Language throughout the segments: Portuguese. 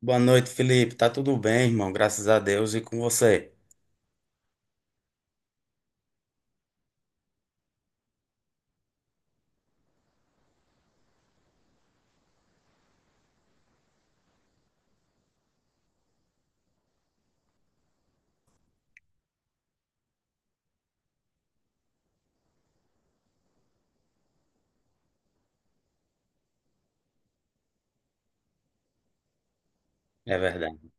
Boa noite, Felipe. Tá tudo bem, irmão? Graças a Deus e com você. É verdade.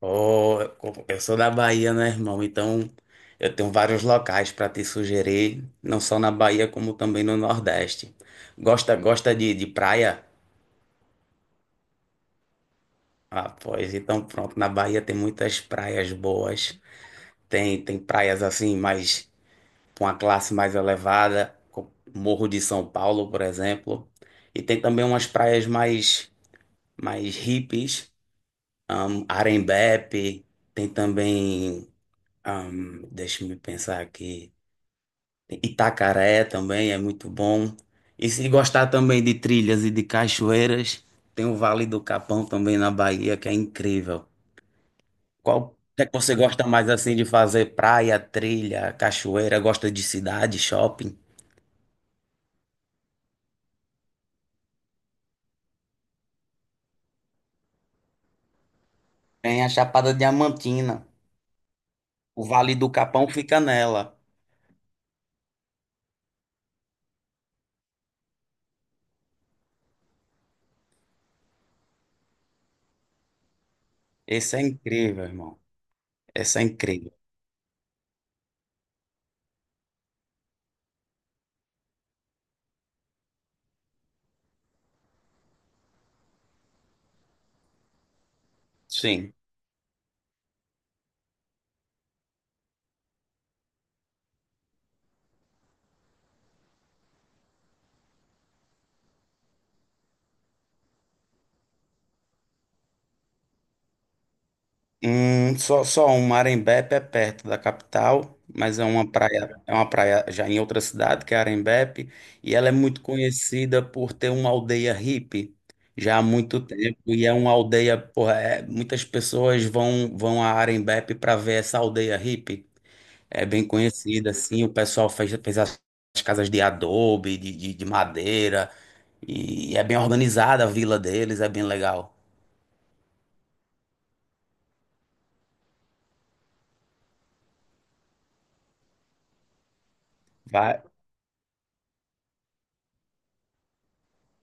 Oh, eu sou da Bahia, né, irmão? Então, eu tenho vários locais para te sugerir, não só na Bahia, como também no Nordeste. Gosta de praia? Ah, pois, então pronto. Na Bahia tem muitas praias boas. Tem praias assim, mais com a classe mais elevada, como Morro de São Paulo, por exemplo. E tem também umas praias mais hippies. Arembep, tem também, deixa-me pensar aqui, tem Itacaré também é muito bom. E se gostar também de trilhas e de cachoeiras, tem o Vale do Capão também na Bahia, que é incrível. Qual é que você gosta mais assim de fazer? Praia, trilha, cachoeira, gosta de cidade, shopping? Tem a Chapada Diamantina. O Vale do Capão fica nela. Esse é incrível, irmão. Esse é incrível. Sim. Só um, Arembepe é perto da capital, mas é uma praia já em outra cidade, que é Arembepe, e ela é muito conhecida por ter uma aldeia hippie já há muito tempo, e é uma aldeia, porra, muitas pessoas vão a Arembepe para ver essa aldeia hippie. É bem conhecida, assim, o pessoal fez as casas de adobe, de madeira, e é bem organizada a vila deles, é bem legal.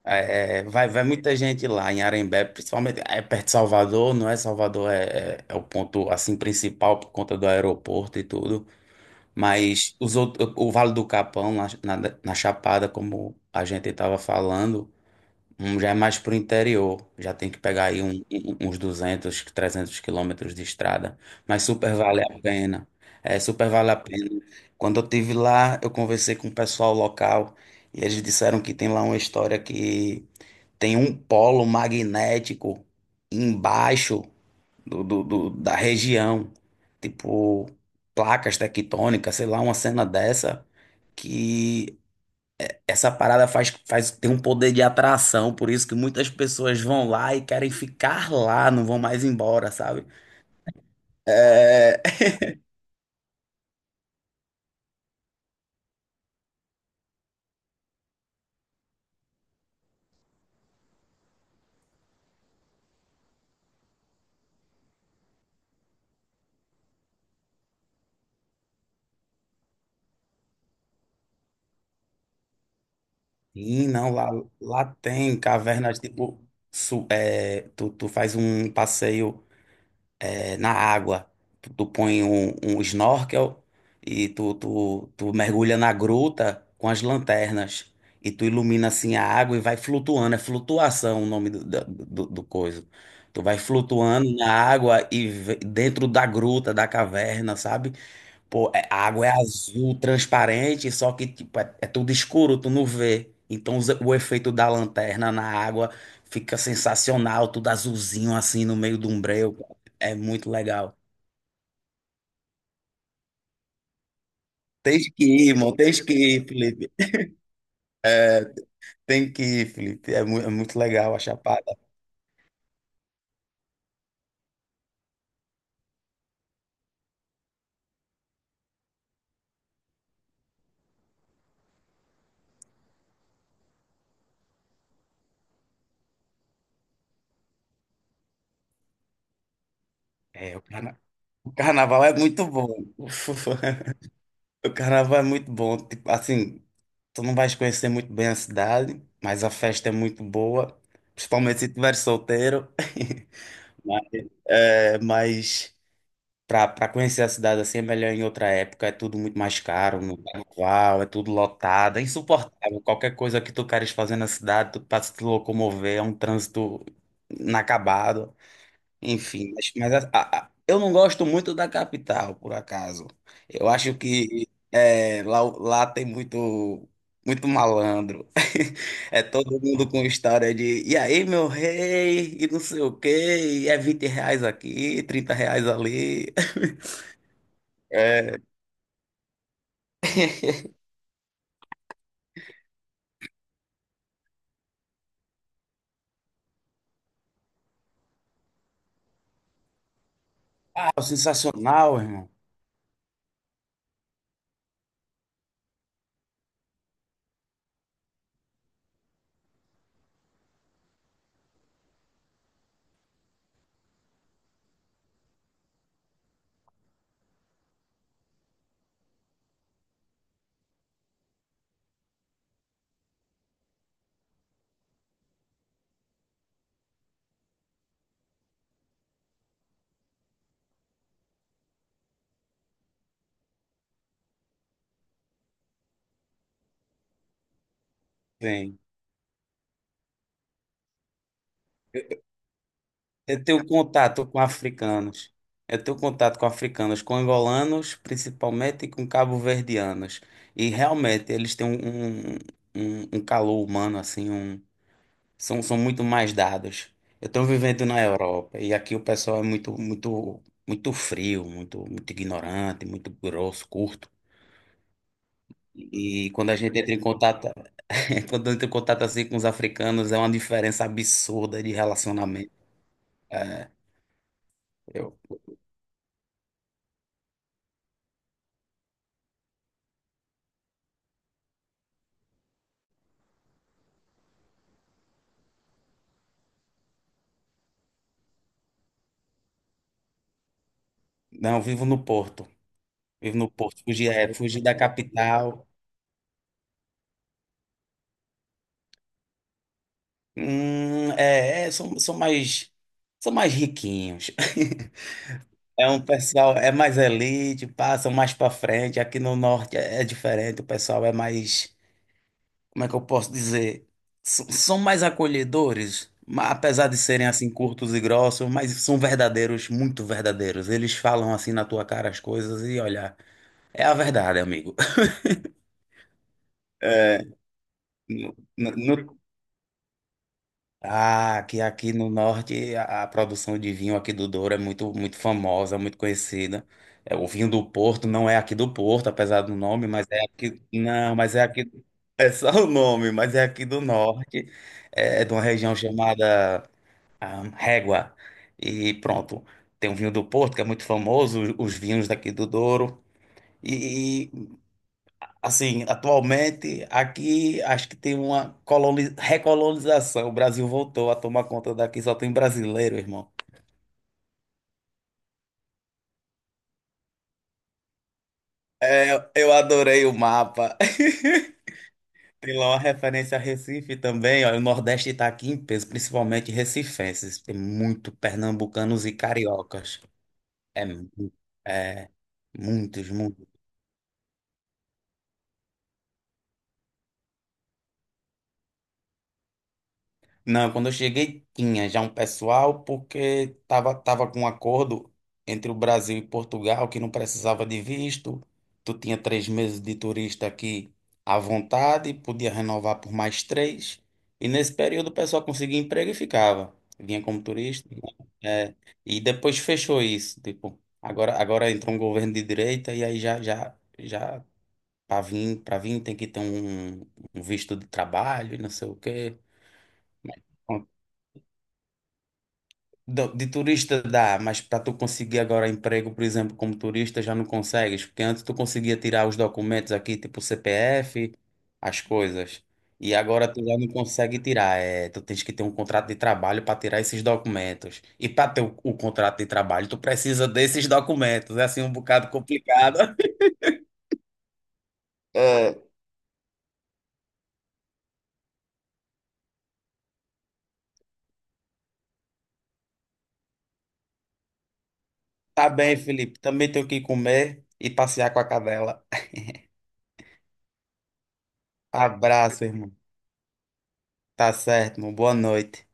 É, é, vai muita gente lá em Arembé, principalmente é perto de Salvador, não é? Salvador é o ponto assim principal por conta do aeroporto e tudo, mas os outros, o Vale do Capão, lá na Chapada, como a gente estava falando, já é mais pro interior, já tem que pegar aí uns 200 300 quilômetros de estrada, mas super vale a pena, é, super vale a pena. Quando eu tive lá, eu conversei com o pessoal local e eles disseram que tem lá uma história que tem um polo magnético embaixo da região, tipo placas tectônicas, sei lá, uma cena dessa, que essa parada tem um poder de atração, por isso que muitas pessoas vão lá e querem ficar lá, não vão mais embora, sabe? É... Sim, não, lá tem cavernas, tipo, tu faz um passeio. É, na água. Tu põe um snorkel e tu mergulha na gruta com as lanternas. E tu ilumina assim a água e vai flutuando. É flutuação o nome do coisa. Tu vai flutuando na água e dentro da gruta, da caverna, sabe? Pô, a água é azul, transparente, só que tipo, é tudo escuro, tu não vê. Então o efeito da lanterna na água fica sensacional, tudo azulzinho assim no meio de um breu, cara. É muito legal. Tens que ir, irmão, tens que ir, Felipe. É, tem que ir, Felipe. É, é muito legal a Chapada. É, o carnaval é muito bom. O carnaval é muito bom. Tipo, assim, tu não vais conhecer muito bem a cidade, mas a festa é muito boa, principalmente se estiver solteiro. Mas, mas para conhecer a cidade assim é melhor em outra época, é tudo muito mais caro no carnaval, é tudo lotado, é insuportável. Qualquer coisa que tu queres fazer na cidade, tu tá se locomover, é um trânsito inacabado. Enfim, mas eu não gosto muito da capital, por acaso. Eu acho que lá tem muito, muito malandro. É todo mundo com história de e aí, meu rei, e não sei o quê, e é R$ 20 aqui, R$ 30 ali. É, ah, sensacional, irmão. Eu tenho contato com africanos. Eu tenho contato com africanos, com angolanos, principalmente e com cabo-verdianos. E realmente eles têm um calor humano, assim, são muito mais dados. Eu estou vivendo na Europa e aqui o pessoal é muito, muito, muito frio, muito, muito ignorante, muito grosso, curto. E quando a gente entra em contato, quando entra em contato assim com os africanos, é uma diferença absurda de relacionamento. Eu, não, eu vivo no Porto. Vivo no Porto, fugir da capital. Hum, é, é, são, são mais, são mais riquinhos. É um pessoal, é mais elite, passam mais para frente. Aqui no norte é diferente, o pessoal é mais, como é que eu posso dizer? São mais acolhedores, apesar de serem assim curtos e grossos, mas são verdadeiros, muito verdadeiros. Eles falam assim na tua cara as coisas e olha, é a verdade, amigo. É, não, ah, que aqui no norte a produção de vinho aqui do Douro é muito, muito famosa, muito conhecida. É, o vinho do Porto não é aqui do Porto, apesar do nome, mas é aqui. Não, mas é aqui. É só o nome, mas é aqui do norte. É de uma região chamada Régua. E pronto. Tem o vinho do Porto, que é muito famoso, os vinhos daqui do Douro. E assim, atualmente, aqui acho que tem uma recolonização. O Brasil voltou a tomar conta daqui, só tem brasileiro, irmão. É, eu adorei o mapa. Tem lá uma referência a Recife também, ó. O Nordeste está aqui em peso, principalmente recifenses. Tem muito pernambucanos e cariocas. É, é muitos, muitos. Não, quando eu cheguei tinha já um pessoal, porque tava com um acordo entre o Brasil e Portugal que não precisava de visto. Tu tinha 3 meses de turista aqui à vontade, podia renovar por mais três. E nesse período o pessoal conseguia emprego e ficava. Vinha como turista. É, e depois fechou isso. Tipo, agora entrou um governo de direita e aí já para vir tem que ter um visto de trabalho e não sei o quê. De turista dá, mas para tu conseguir agora emprego, por exemplo, como turista, já não consegues, porque antes tu conseguia tirar os documentos aqui, tipo CPF, as coisas, e agora tu já não consegue tirar, tu tens que ter um contrato de trabalho para tirar esses documentos. E para ter o contrato de trabalho, tu precisa desses documentos, é assim um bocado complicado. É, tá bem, Felipe, também tenho que comer e passear com a cadela. Abraço, irmão. Tá certo, irmão. Boa noite.